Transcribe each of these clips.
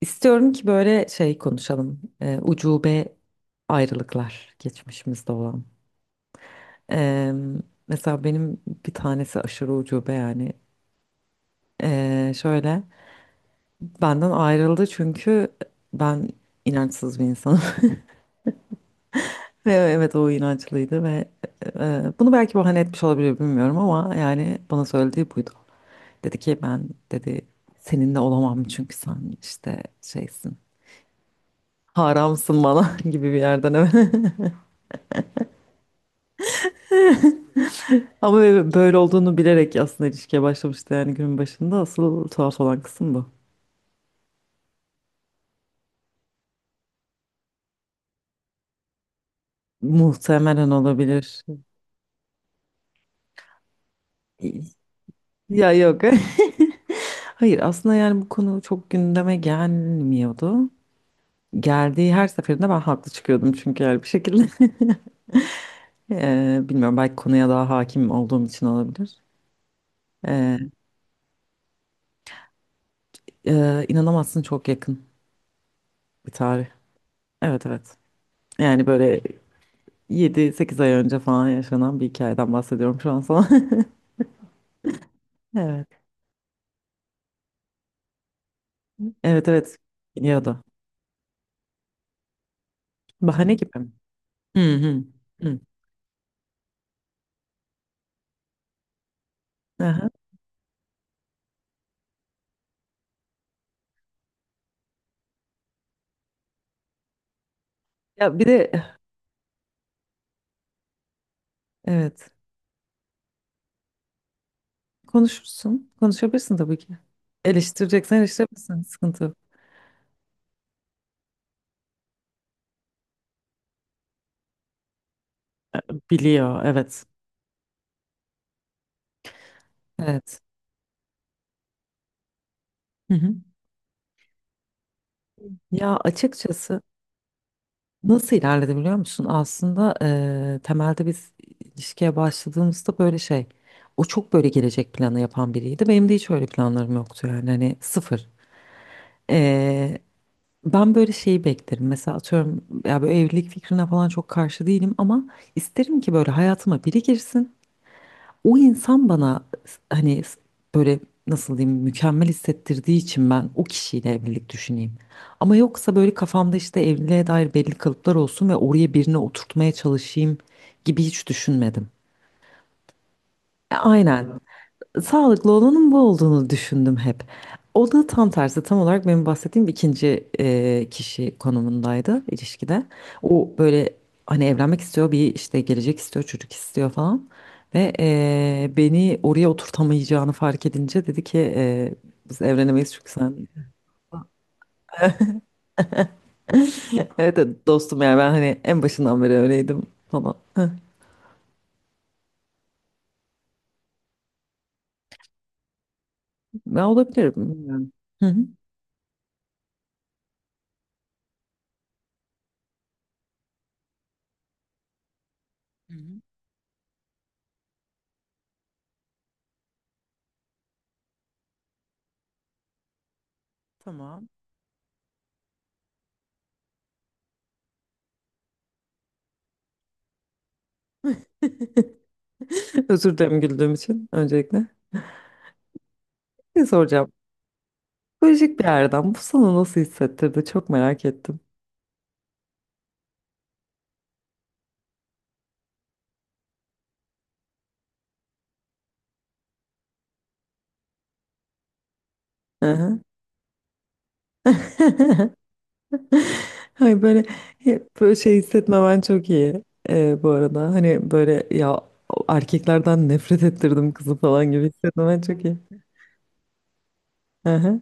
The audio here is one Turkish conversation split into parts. İstiyorum ki böyle şey konuşalım. Ucube ayrılıklar geçmişimizde olan. Ee, Mesela benim bir tanesi aşırı ucube yani. Şöyle benden ayrıldı çünkü ben inançsız bir insanım. Ve evet o inançlıydı ve bunu belki bahane etmiş olabilir bilmiyorum ama yani bana söylediği buydu. Dedi ki ben dedi seninle olamam çünkü sen işte şeysin. Haramsın bana gibi bir yerden evet. Ama böyle olduğunu bilerek aslında ilişkiye başlamıştı yani günün başında. Asıl tuhaf olan kısım bu. Muhtemelen olabilir. Ya yok. Hayır aslında yani bu konu çok gündeme gelmiyordu. Geldiği her seferinde ben haklı çıkıyordum çünkü yani bir şekilde. Bilmiyorum belki konuya daha hakim olduğum için olabilir. Eee, inanamazsın çok yakın bir tarih. Evet, evet. Yani böyle 7-8 ay önce falan yaşanan bir hikayeden bahsediyorum şu an sana. Evet. Evet, evet. Ya da. Bahane gibi mi? Hı hı. Hı. Aha. Ya bir de evet. Konuşursun. Konuşabilirsin tabii ki. Eleştireceksen eleştirebilirsin. Sıkıntı yok. Biliyor. Evet. Evet. Hı hı. Ya açıkçası nasıl ilerledi biliyor musun? Aslında temelde biz ilişkiye başladığımızda böyle şey. O çok böyle gelecek planı yapan biriydi. Benim de hiç öyle planlarım yoktu yani. Hani sıfır. E, Ben böyle şeyi beklerim. Mesela atıyorum ya böyle evlilik fikrine falan çok karşı değilim ama isterim ki böyle hayatıma biri girsin. O insan bana hani böyle nasıl diyeyim mükemmel hissettirdiği için ben o kişiyle evlilik düşüneyim. Ama yoksa böyle kafamda işte evliliğe dair belli kalıplar olsun ve oraya birini oturtmaya çalışayım gibi hiç düşünmedim. Aynen. Sağlıklı olanın bu olduğunu düşündüm hep. O da tam tersi, tam olarak benim bahsettiğim ikinci kişi konumundaydı ilişkide. O böyle hani evlenmek istiyor, bir işte gelecek istiyor, çocuk istiyor falan. Ve beni oraya oturtamayacağını fark edince dedi ki biz evlenemeyiz çünkü sen... Evet, evet, dostum yani ben hani en başından beri öyleydim falan. Ben olabilirim. Bilmiyorum. Hı hı. Hı hı. Tamam. Özür dilerim güldüğüm için öncelikle. Ne soracağım? Psikolojik bir yerden. Bu sana nasıl hissettirdi? Çok merak ettim. Hı hı. Ay böyle hep böyle şey hissetmemen çok iyi bu arada. Hani böyle ya erkeklerden nefret ettirdim kızı falan gibi hissetmemen çok iyi. Hı hı.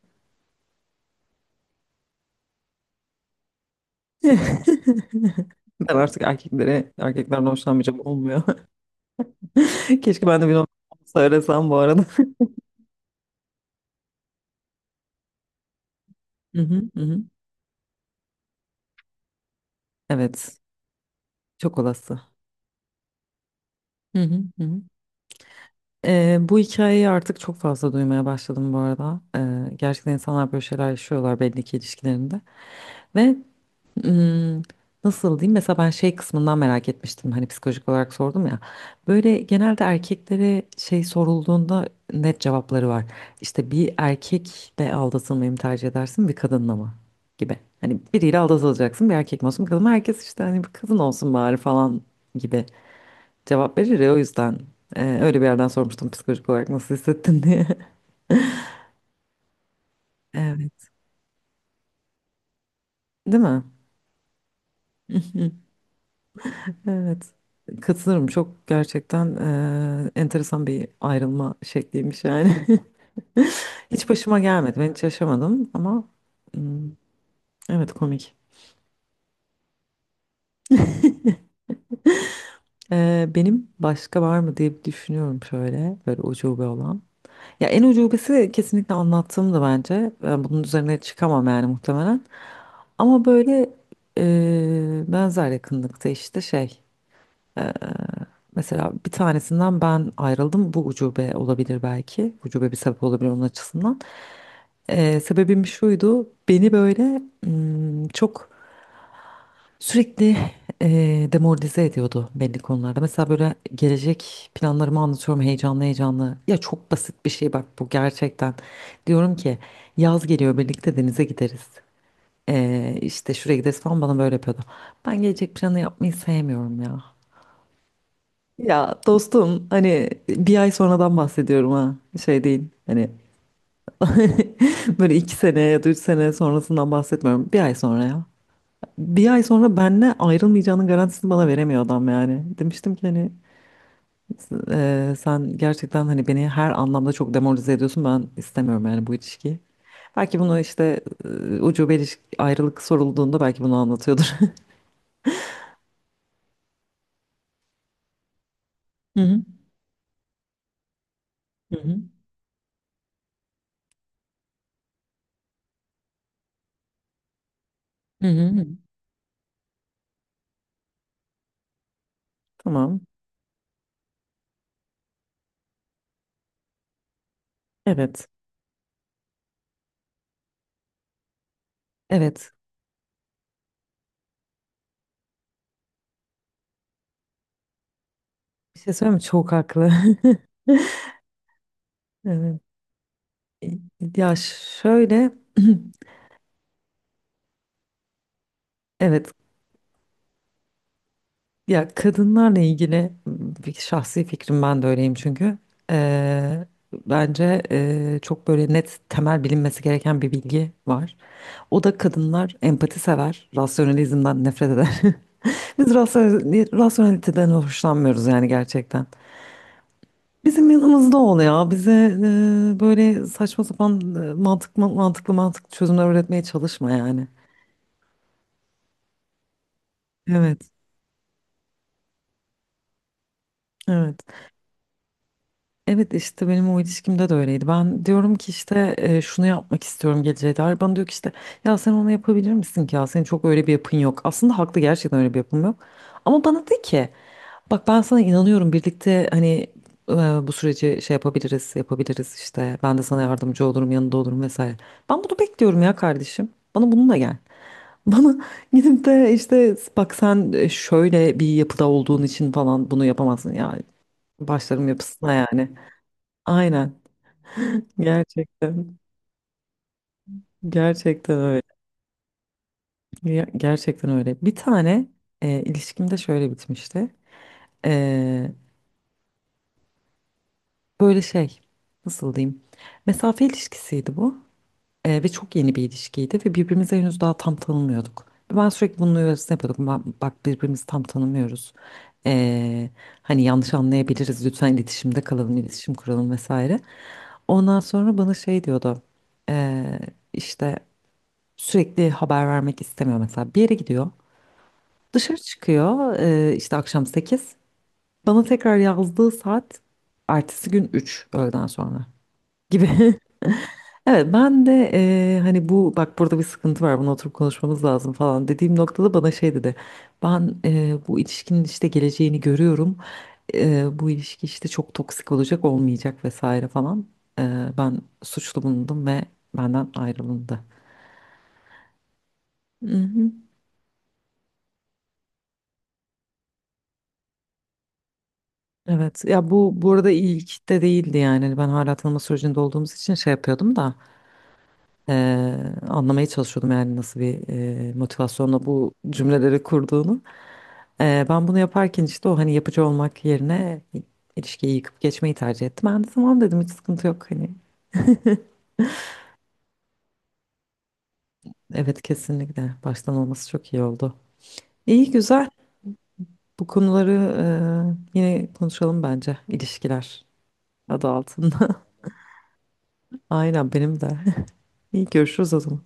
Ben artık erkeklere, erkeklerden hoşlanmayacağım olmuyor. Keşke ben de bir onu söylesem bu arada. Hı hı, hı hı. Evet, çok olası. Hı hı, hı hı. Bu hikayeyi artık çok fazla duymaya başladım bu arada. Gerçekten insanlar böyle şeyler yaşıyorlar belli ki ilişkilerinde. Ve ım, nasıl diyeyim? Mesela ben şey kısmından merak etmiştim. Hani psikolojik olarak sordum ya. Böyle genelde erkeklere şey sorulduğunda net cevapları var. İşte bir erkekle aldatılmayı mı tercih edersin bir kadınla mı? Gibi. Hani biriyle aldatılacaksın bir erkek mi olsun bir kadın mı? Herkes işte hani bir kadın olsun bari falan gibi cevap verir ya o yüzden öyle bir yerden sormuştum psikolojik olarak nasıl hissettin diye. Evet. Değil mi? Evet. Katılırım. Çok gerçekten enteresan bir ayrılma şekliymiş yani. Hiç başıma gelmedi. Ben hiç yaşamadım ama hmm, evet komik. Benim başka var mı diye bir düşünüyorum şöyle böyle ucube olan. Ya en ucubesi kesinlikle anlattığımdı bence. Ben bunun üzerine çıkamam yani muhtemelen. Ama böyle benzer yakınlıkta işte şey. Mesela bir tanesinden ben ayrıldım. Bu ucube olabilir belki. Ucube bir sebep olabilir onun açısından. Sebebim şuydu. Beni böyle çok sürekli demoralize ediyordu belli konularda. Mesela böyle gelecek planlarımı anlatıyorum heyecanlı heyecanlı. Ya çok basit bir şey bak bu gerçekten. Diyorum ki yaz geliyor birlikte denize gideriz. İşte şuraya gideriz falan bana böyle yapıyordu. Ben gelecek planı yapmayı sevmiyorum ya. Ya dostum hani bir ay sonradan bahsediyorum ha şey değil hani böyle 2 sene ya da 3 sene sonrasından bahsetmiyorum bir ay sonra ya. Bir ay sonra benle ayrılmayacağının garantisini bana veremiyor adam yani. Demiştim ki hani sen gerçekten hani beni her anlamda çok demoralize ediyorsun. Ben istemiyorum yani bu ilişkiyi. Belki bunu işte ucube ilişki, ayrılık sorulduğunda belki bunu anlatıyordur. Hı hı. Hı hı. Hı hı. Hı. Tamam. Evet. Evet. Bir şey söyleyeyim mi? Çok haklı. Evet. Ya şöyle evet. Ya kadınlarla ilgili bir şahsi fikrim ben de öyleyim çünkü. Ee, Bence çok böyle net temel bilinmesi gereken bir bilgi var. O da kadınlar empati sever, rasyonalizmden nefret eder. Biz rasyoneliteden hoşlanmıyoruz yani gerçekten. Bizim yanımızda ol ya. Bize böyle saçma sapan mantıklı mantıklı çözümler üretmeye çalışma yani. Evet, evet. Evet işte benim o ilişkimde de öyleydi. Ben diyorum ki işte şunu yapmak istiyorum geleceğe dair. Bana diyor ki işte ya sen onu yapabilir misin ki ya senin çok öyle bir yapın yok. Aslında haklı gerçekten öyle bir yapım yok. Ama bana de ki bak ben sana inanıyorum birlikte hani e, bu süreci şey yapabiliriz işte ben de sana yardımcı olurum yanında olurum vesaire. Ben bunu bekliyorum ya kardeşim bana bununla gel. Bana gidip de işte bak sen şöyle bir yapıda olduğun için falan bunu yapamazsın yani başlarım yapısına yani. Aynen. Gerçekten. Gerçekten öyle. Gerçekten öyle. Bir tane ilişkim de şöyle bitmişti. E, Böyle şey nasıl diyeyim? Mesafe ilişkisiydi bu. Ve çok yeni bir ilişkiydi ve birbirimizi henüz daha tam tanımıyorduk. Ben sürekli bunun uyarısını yapıyordum. Bak birbirimizi tam tanımıyoruz. E, Hani yanlış anlayabiliriz. Lütfen iletişimde kalalım, iletişim kuralım vesaire. Ondan sonra bana şey diyordu. E, işte sürekli haber vermek istemiyor mesela. Bir yere gidiyor. Dışarı çıkıyor işte akşam 8. Bana tekrar yazdığı saat ertesi gün 3 öğleden sonra gibi. Evet ben de hani bu bak burada bir sıkıntı var bunu oturup konuşmamız lazım falan dediğim noktada bana şey dedi. Ben bu ilişkinin işte geleceğini görüyorum. Bu ilişki işte çok toksik olacak olmayacak vesaire falan. Ben suçlu bulundum ve benden ayrılındı. Mhm. Evet ya bu bu arada ilk de değildi yani. Hani ben hala tanıma sürecinde olduğumuz için şey yapıyordum da anlamaya çalışıyordum yani nasıl bir motivasyonla bu cümleleri kurduğunu. Ben bunu yaparken işte o hani yapıcı olmak yerine ilişkiyi yıkıp geçmeyi tercih ettim. Ben de tamam dedim hiç sıkıntı yok hani. Evet kesinlikle baştan olması çok iyi oldu. İyi güzel bu konuları yine konuşalım bence ilişkiler adı altında. Aynen benim de. İyi görüşürüz o zaman.